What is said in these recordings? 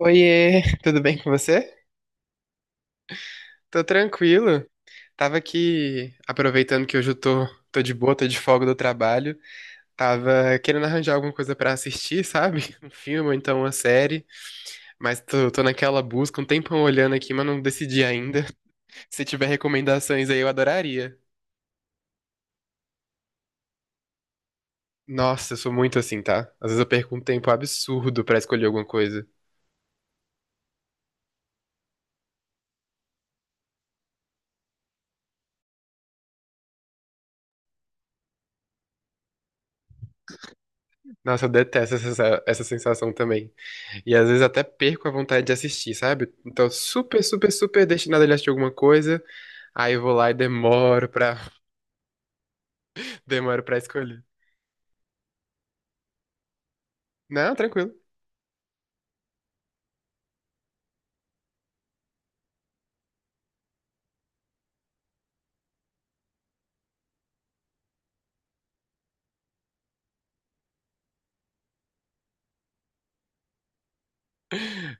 Oiê, tudo bem com você? Tô tranquilo. Tava aqui aproveitando que hoje eu tô de boa, tô de folga do trabalho. Tava querendo arranjar alguma coisa pra assistir, sabe? Um filme ou então uma série. Mas tô naquela busca, um tempão olhando aqui, mas não decidi ainda. Se tiver recomendações aí, eu adoraria. Nossa, eu sou muito assim, tá? Às vezes eu perco um tempo absurdo pra escolher alguma coisa. Nossa, eu detesto essa sensação também. E às vezes até perco a vontade de assistir, sabe? Então, super, super, super destinado a ele assistir alguma coisa. Aí eu vou lá e demoro pra escolher. Não, tranquilo.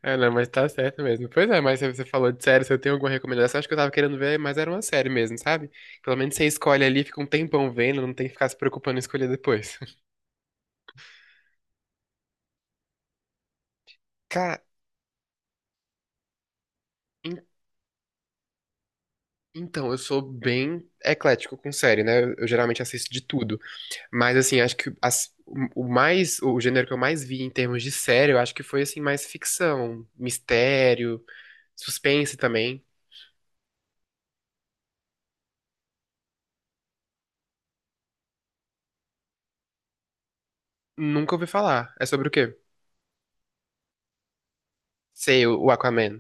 É, não, mas tá certo mesmo. Pois é, mas você falou de série, se eu tenho alguma recomendação, acho que eu tava querendo ver, mas era uma série mesmo, sabe? Pelo menos você escolhe ali, fica um tempão vendo, não tem que ficar se preocupando em escolher depois. Cara, en- então, eu sou bem eclético com série, né? Eu geralmente assisto de tudo. Mas assim, acho que o o gênero que eu mais vi em termos de série, eu acho que foi assim mais ficção, mistério, suspense também. Nunca ouvi falar. É sobre o quê? Sei, o Aquaman.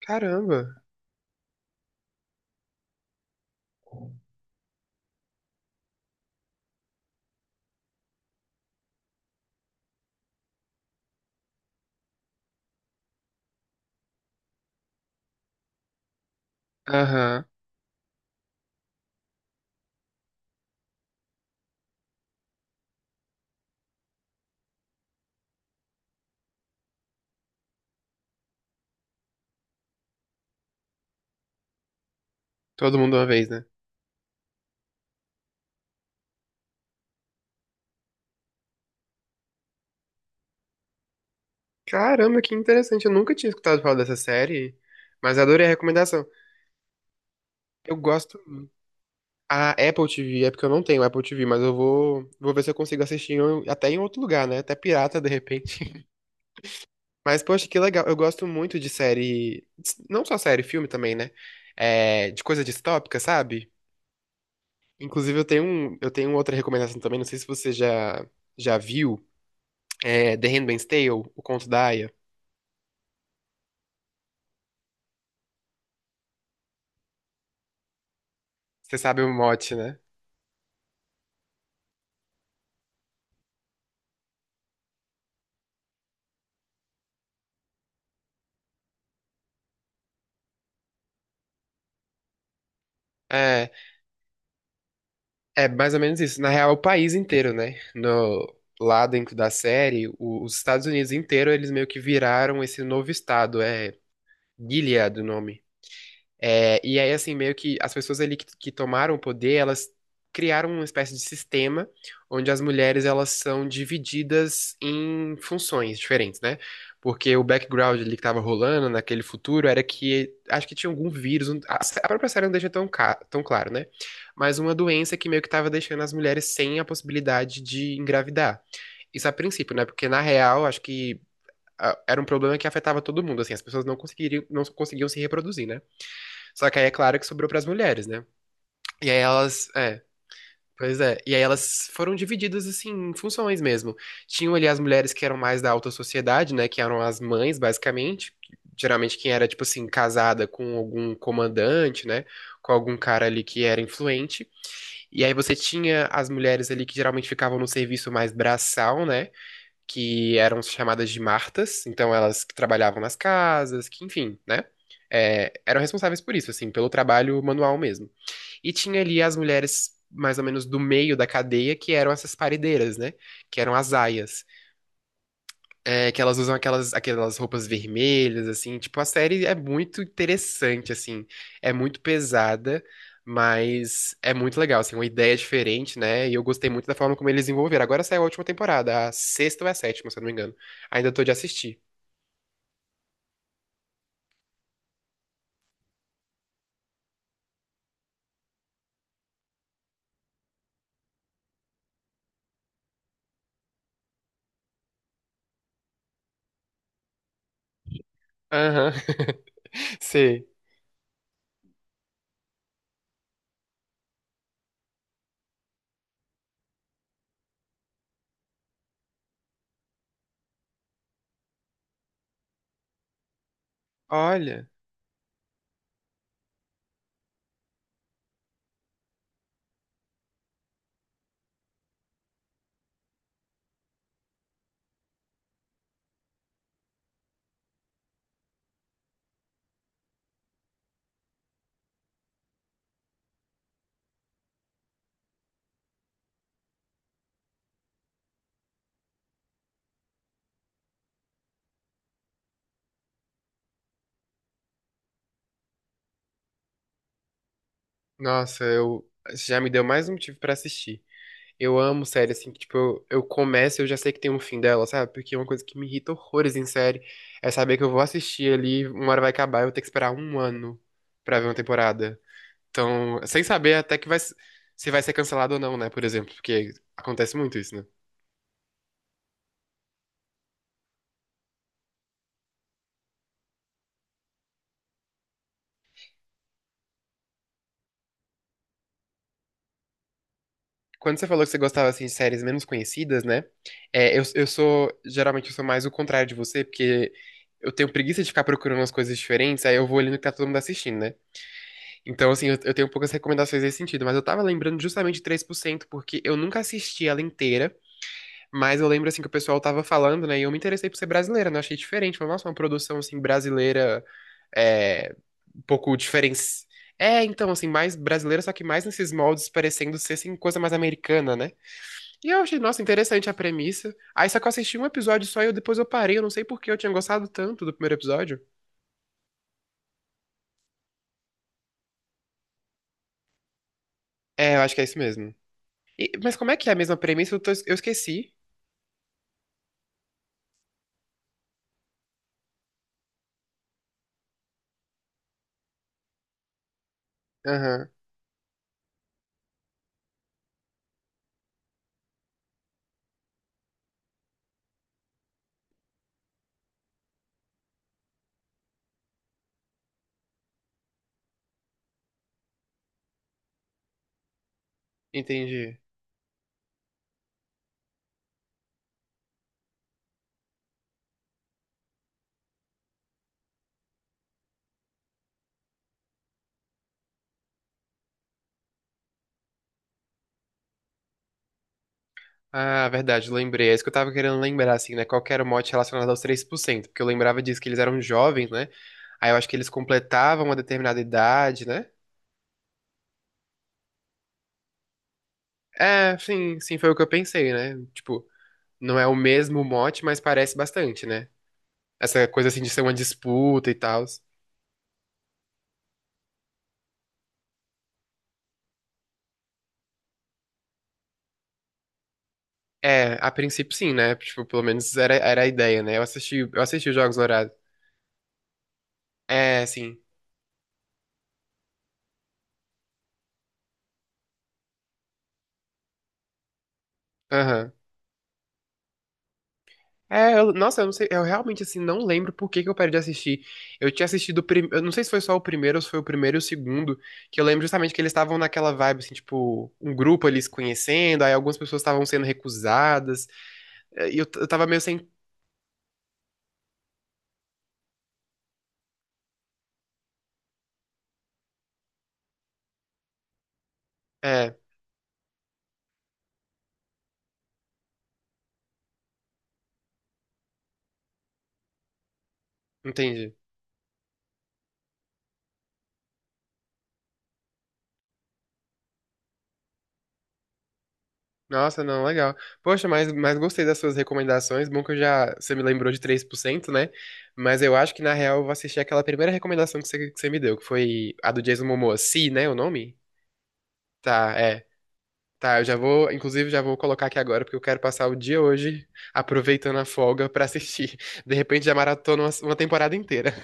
Caramba. Aham. Todo mundo uma vez, né? Caramba, que interessante. Eu nunca tinha escutado falar dessa série, mas adorei a recomendação. Eu gosto a Apple TV, é porque eu não tenho Apple TV, mas eu vou ver se eu consigo assistir até em outro lugar, né? Até pirata, de repente. Mas, poxa, que legal. Eu gosto muito de série. Não só série, filme também, né? É, de coisa distópica, sabe? Inclusive, eu tenho outra recomendação também. Não sei se você já viu. É The Handmaid's Tale, O Conto da Aia. Você sabe o mote, né? É, é mais ou menos isso. Na real, é o país inteiro, né? No, lá dentro da série, os Estados Unidos inteiro, eles meio que viraram esse novo estado. É Gilead o nome. É, e aí, assim, meio que as pessoas ali que tomaram o poder, elas criaram uma espécie de sistema onde as mulheres elas são divididas em funções diferentes, né? Porque o background ali que tava rolando naquele futuro era que acho que tinha algum vírus, a própria série não deixa tão claro, né? Mas uma doença que meio que tava deixando as mulheres sem a possibilidade de engravidar. Isso a princípio, né? Porque na real, acho que era um problema que afetava todo mundo, assim, as pessoas não conseguiam se reproduzir, né? Só que aí é claro que sobrou pras mulheres, né? E aí pois é. E aí elas foram divididas assim em funções mesmo. Tinham ali as mulheres que eram mais da alta sociedade, né, que eram as mães, basicamente. Geralmente quem era tipo assim casada com algum comandante, né, com algum cara ali que era influente. E aí você tinha as mulheres ali que geralmente ficavam no serviço mais braçal, né, que eram chamadas de martas, então elas que trabalhavam nas casas, que enfim, né? É, eram responsáveis por isso, assim, pelo trabalho manual mesmo. E tinha ali as mulheres mais ou menos do meio da cadeia, que eram essas paredeiras, né? Que eram as aias. É, que elas usam aquelas roupas vermelhas, assim. Tipo, a série é muito interessante, assim. É muito pesada, mas é muito legal, assim. Uma ideia diferente, né? E eu gostei muito da forma como eles desenvolveram. Agora saiu a última temporada, a sexta ou a sétima, se eu não me engano. Ainda tô de assistir. Aham, sei. Olha, nossa, eu... já me deu mais um motivo pra assistir. Eu amo série, assim, que, tipo, eu começo e eu já sei que tem um fim dela, sabe? Porque é uma coisa que me irrita horrores em série é saber que eu vou assistir ali, uma hora vai acabar, eu vou ter que esperar um ano pra ver uma temporada. Então, sem saber até se vai ser cancelado ou não, né? Por exemplo, porque acontece muito isso, né? Quando você falou que você gostava, assim, de séries menos conhecidas, né? Eu sou, geralmente, eu sou mais o contrário de você, porque eu tenho preguiça de ficar procurando umas coisas diferentes, aí eu vou ali no que tá todo mundo assistindo, né? Então, assim, eu tenho poucas recomendações nesse sentido, mas eu tava lembrando justamente de três por cento porque eu nunca assisti ela inteira, mas eu lembro, assim, que o pessoal tava falando, né, e eu me interessei por ser brasileira, né, eu achei diferente, falei, nossa, uma produção, assim, brasileira, é, um pouco diferente. É, então, assim, mais brasileira, só que mais nesses moldes, parecendo ser, assim, coisa mais americana, né? E eu achei, nossa, interessante a premissa. Aí, só que eu assisti um episódio só depois eu parei, eu não sei por que eu tinha gostado tanto do primeiro episódio. É, eu acho que é isso mesmo. Mas como é que é a mesma premissa? Eu esqueci. Aham. Entendi. Ah, verdade, lembrei. É isso que eu tava querendo lembrar, assim, né? Qual que era o mote relacionado aos três por cento, porque eu lembrava disso que eles eram jovens, né? Aí eu acho que eles completavam uma determinada idade, né? É, sim, sim, foi o que eu pensei, né? Tipo, não é o mesmo mote, mas parece bastante, né? Essa coisa assim de ser uma disputa e tal. É, a princípio sim, né? Tipo, pelo menos era a ideia, né? Eu assisti os Jogos Dourados. É, sim. Aham. Nossa, eu não sei, eu realmente assim não lembro por que que eu parei de assistir. Eu tinha assistido, eu não sei se foi só o primeiro ou se foi o primeiro e o segundo, que eu lembro justamente que eles estavam naquela vibe assim, tipo, um grupo ali se conhecendo, aí algumas pessoas estavam sendo recusadas, eu tava meio sem, é, entendi. Nossa, não, legal. Poxa, mas gostei das suas recomendações. Bom que você me lembrou de três por cento né? Mas eu acho que na real eu vou assistir aquela primeira recomendação que que você me deu, que foi a do Jason Momoa, Si, né, o nome? Tá, é. Tá, eu já vou, inclusive já vou colocar aqui agora, porque eu quero passar o dia hoje aproveitando a folga pra assistir. De repente já maratona uma temporada inteira.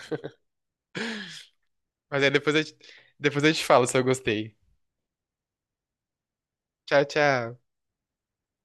Mas aí depois eu te falo se eu gostei. Tchau, tchau.